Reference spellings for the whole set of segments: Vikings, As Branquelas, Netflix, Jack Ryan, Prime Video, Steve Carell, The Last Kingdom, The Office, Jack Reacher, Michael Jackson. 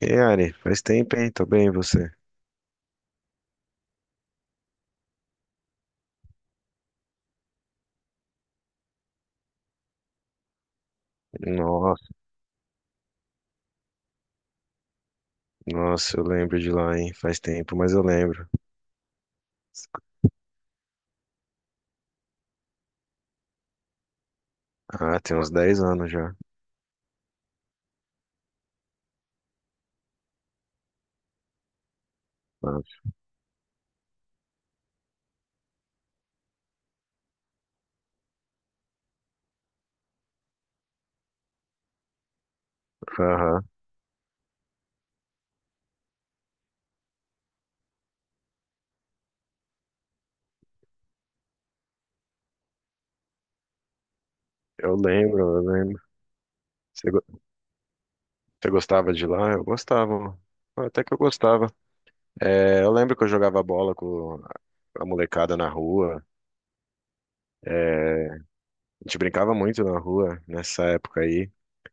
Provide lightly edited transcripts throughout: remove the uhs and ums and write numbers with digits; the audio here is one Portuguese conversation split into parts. E aí, Ari, faz tempo, hein? Tô bem, e você? Nossa, nossa, eu lembro de lá, hein? Faz tempo, mas eu lembro. Ah, tem uns 10 anos já. Nossa. Aham, eu lembro, eu lembro. Você go- Você gostava de lá? Eu gostava. Até que eu gostava. É, eu lembro que eu jogava bola com a molecada na rua. É, a gente brincava muito na rua nessa época aí.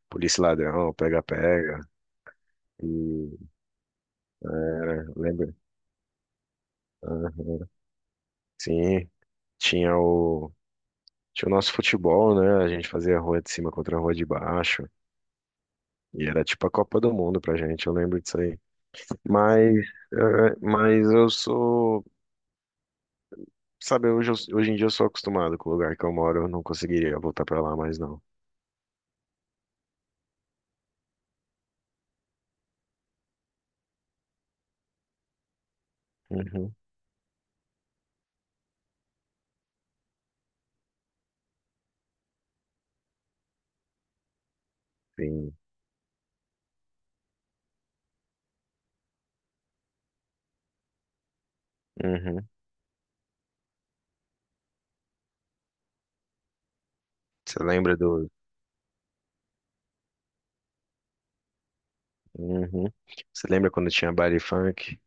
Polícia e ladrão, pega-pega. E era, lembra? Aham. Sim, tinha o. Tinha o nosso futebol, né? A gente fazia a rua de cima contra a rua de baixo. E era tipo a Copa do Mundo pra gente, eu lembro disso aí. Mas, mas eu sou. Sabe, hoje em dia eu sou acostumado com o lugar que eu moro, eu não conseguiria voltar pra lá mais não. Uhum. Sim. Uhum. Você lembra do. Uhum. Você lembra quando tinha baile funk?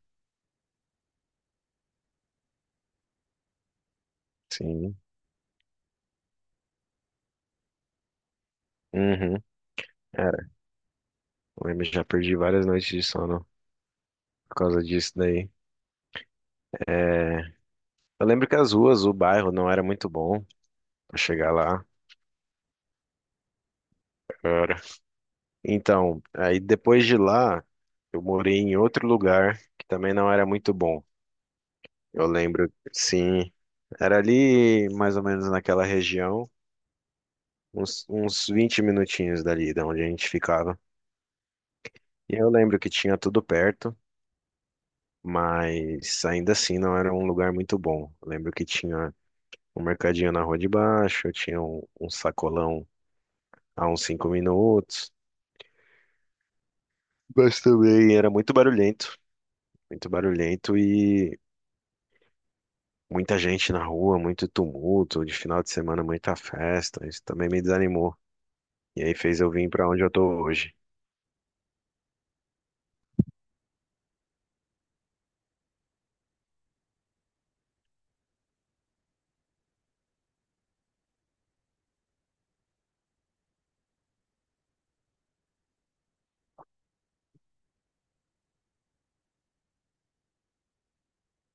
Sim. Uhum. Era. Eu lembro, já perdi várias noites de sono por causa disso daí. É, eu lembro que as ruas, o bairro não era muito bom pra chegar lá. Então, aí depois de lá, eu morei em outro lugar que também não era muito bom. Eu lembro, sim, era ali mais ou menos naquela região, uns 20 minutinhos dali de onde a gente ficava. E eu lembro que tinha tudo perto, mas ainda assim não era um lugar muito bom. Eu lembro que tinha um mercadinho na rua de baixo, tinha um sacolão a uns 5 minutos, mas também era muito barulhento e muita gente na rua, muito tumulto, de final de semana muita festa. Isso também me desanimou. E aí fez eu vir pra onde eu tô hoje.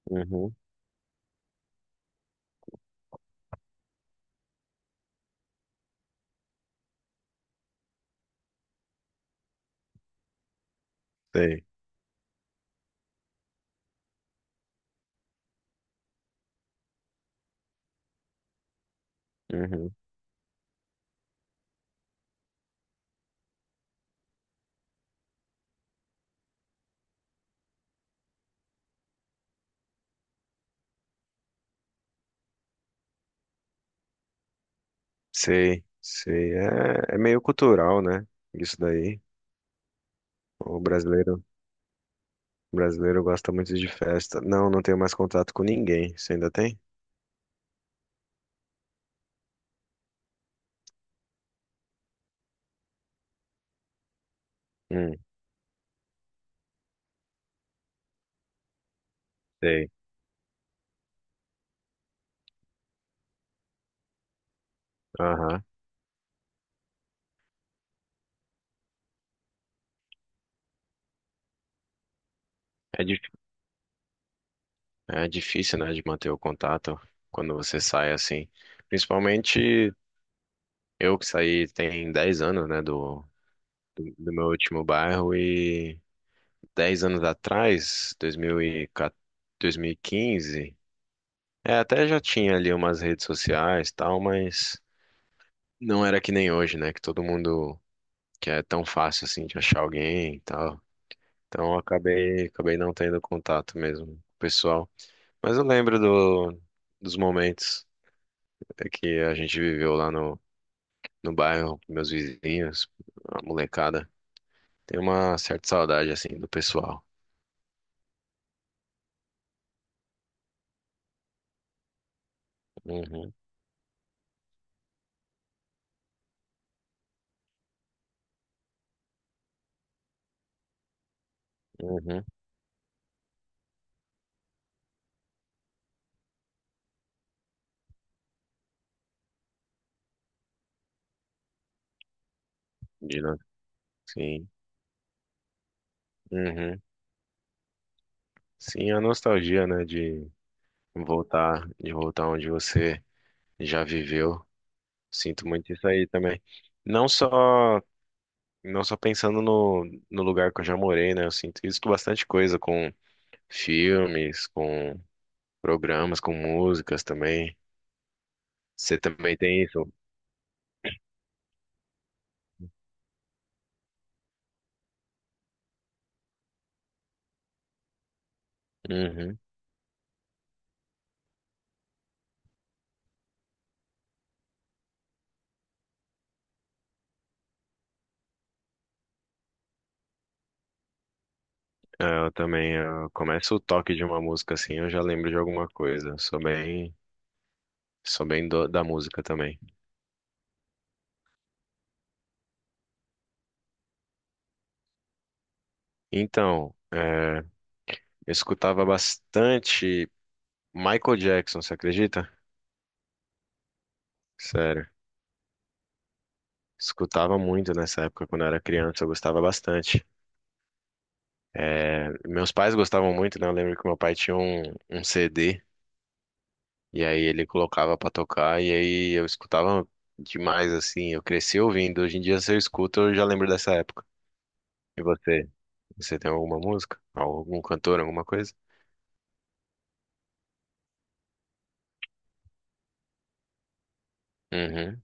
Uhum, sei. Uhum, sei, sei. É, é meio cultural, né? Isso daí. O brasileiro, o brasileiro gosta muito de festa. Não, não tenho mais contato com ninguém. Você ainda tem? Hum, sei. Aham. É, é difícil, né, de manter o contato quando você sai assim. Principalmente eu que saí tem 10 anos, né, do meu último bairro e 10 anos atrás, 2014, 15, é, até já tinha ali umas redes sociais e tal, mas não era que nem hoje, né? Que todo mundo, que é tão fácil assim de achar alguém e tal. Então eu acabei, não tendo contato mesmo com o pessoal. Mas eu lembro dos momentos que a gente viveu lá no bairro, com meus vizinhos, a molecada. Tem uma certa saudade assim do pessoal. Uhum, uhum. De no- Sim. Uhum. Sim, a nostalgia, né, de voltar onde você já viveu. Sinto muito isso aí também. Não só, não só pensando no lugar que eu já morei, né? Eu sinto isso com bastante coisa, com filmes, com programas, com músicas também. Você também tem isso? Uhum. É, eu também, eu começo o toque de uma música assim, eu já lembro de alguma coisa. Sou bem da música também. Então, eu escutava bastante Michael Jackson, você acredita? Sério. Escutava muito nessa época, quando eu era criança, eu gostava bastante. É, meus pais gostavam muito, né? Eu lembro que meu pai tinha um CD, e aí ele colocava pra tocar, e aí eu escutava demais, assim. Eu cresci ouvindo. Hoje em dia, se eu escuto, eu já lembro dessa época. E você? Você tem alguma música? Algum cantor, alguma coisa? Uhum,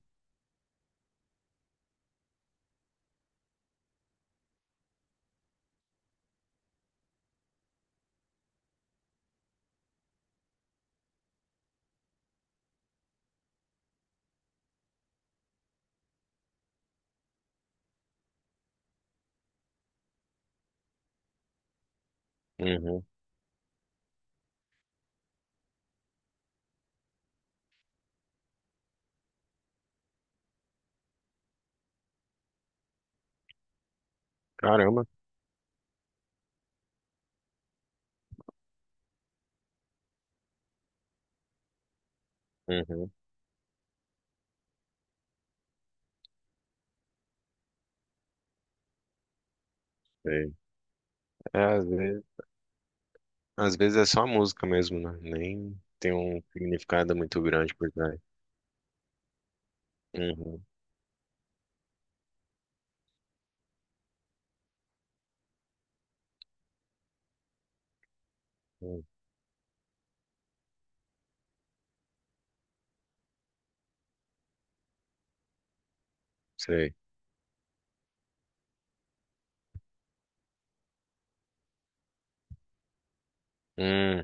uhum. Caramba. Uhum. Sei. É, às vezes. Às vezes é só a música mesmo, né? Nem tem um significado muito grande por trás. Uhum, uhum, sei. Hum,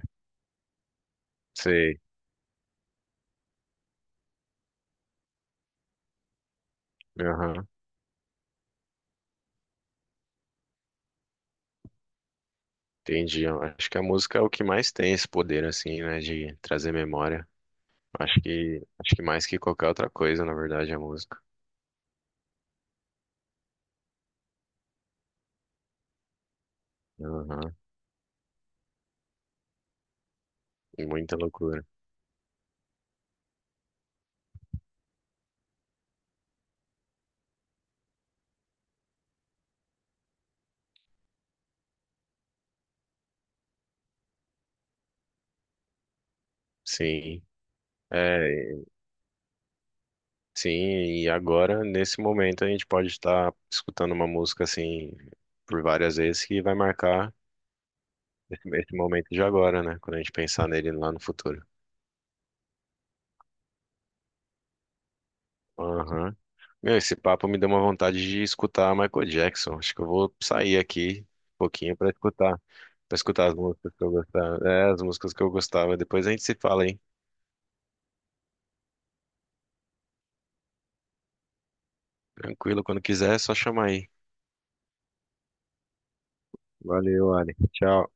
sei. Aham, entendi. Eu acho que a música é o que mais tem esse poder, assim, né? De trazer memória. Acho que mais que qualquer outra coisa, na verdade, é a música. Aham, muita loucura. Sim. É, sim, e agora, nesse momento, a gente pode estar escutando uma música, assim, por várias vezes que vai marcar esse momento de agora, né? Quando a gente pensar nele lá no futuro. Aham. Meu, esse papo me deu uma vontade de escutar Michael Jackson. Acho que eu vou sair aqui um pouquinho pra escutar, para escutar as músicas que eu gostava. É, as músicas que eu gostava. Depois a gente se fala, hein? Tranquilo, quando quiser, é só chamar aí. Valeu, Ali. Tchau.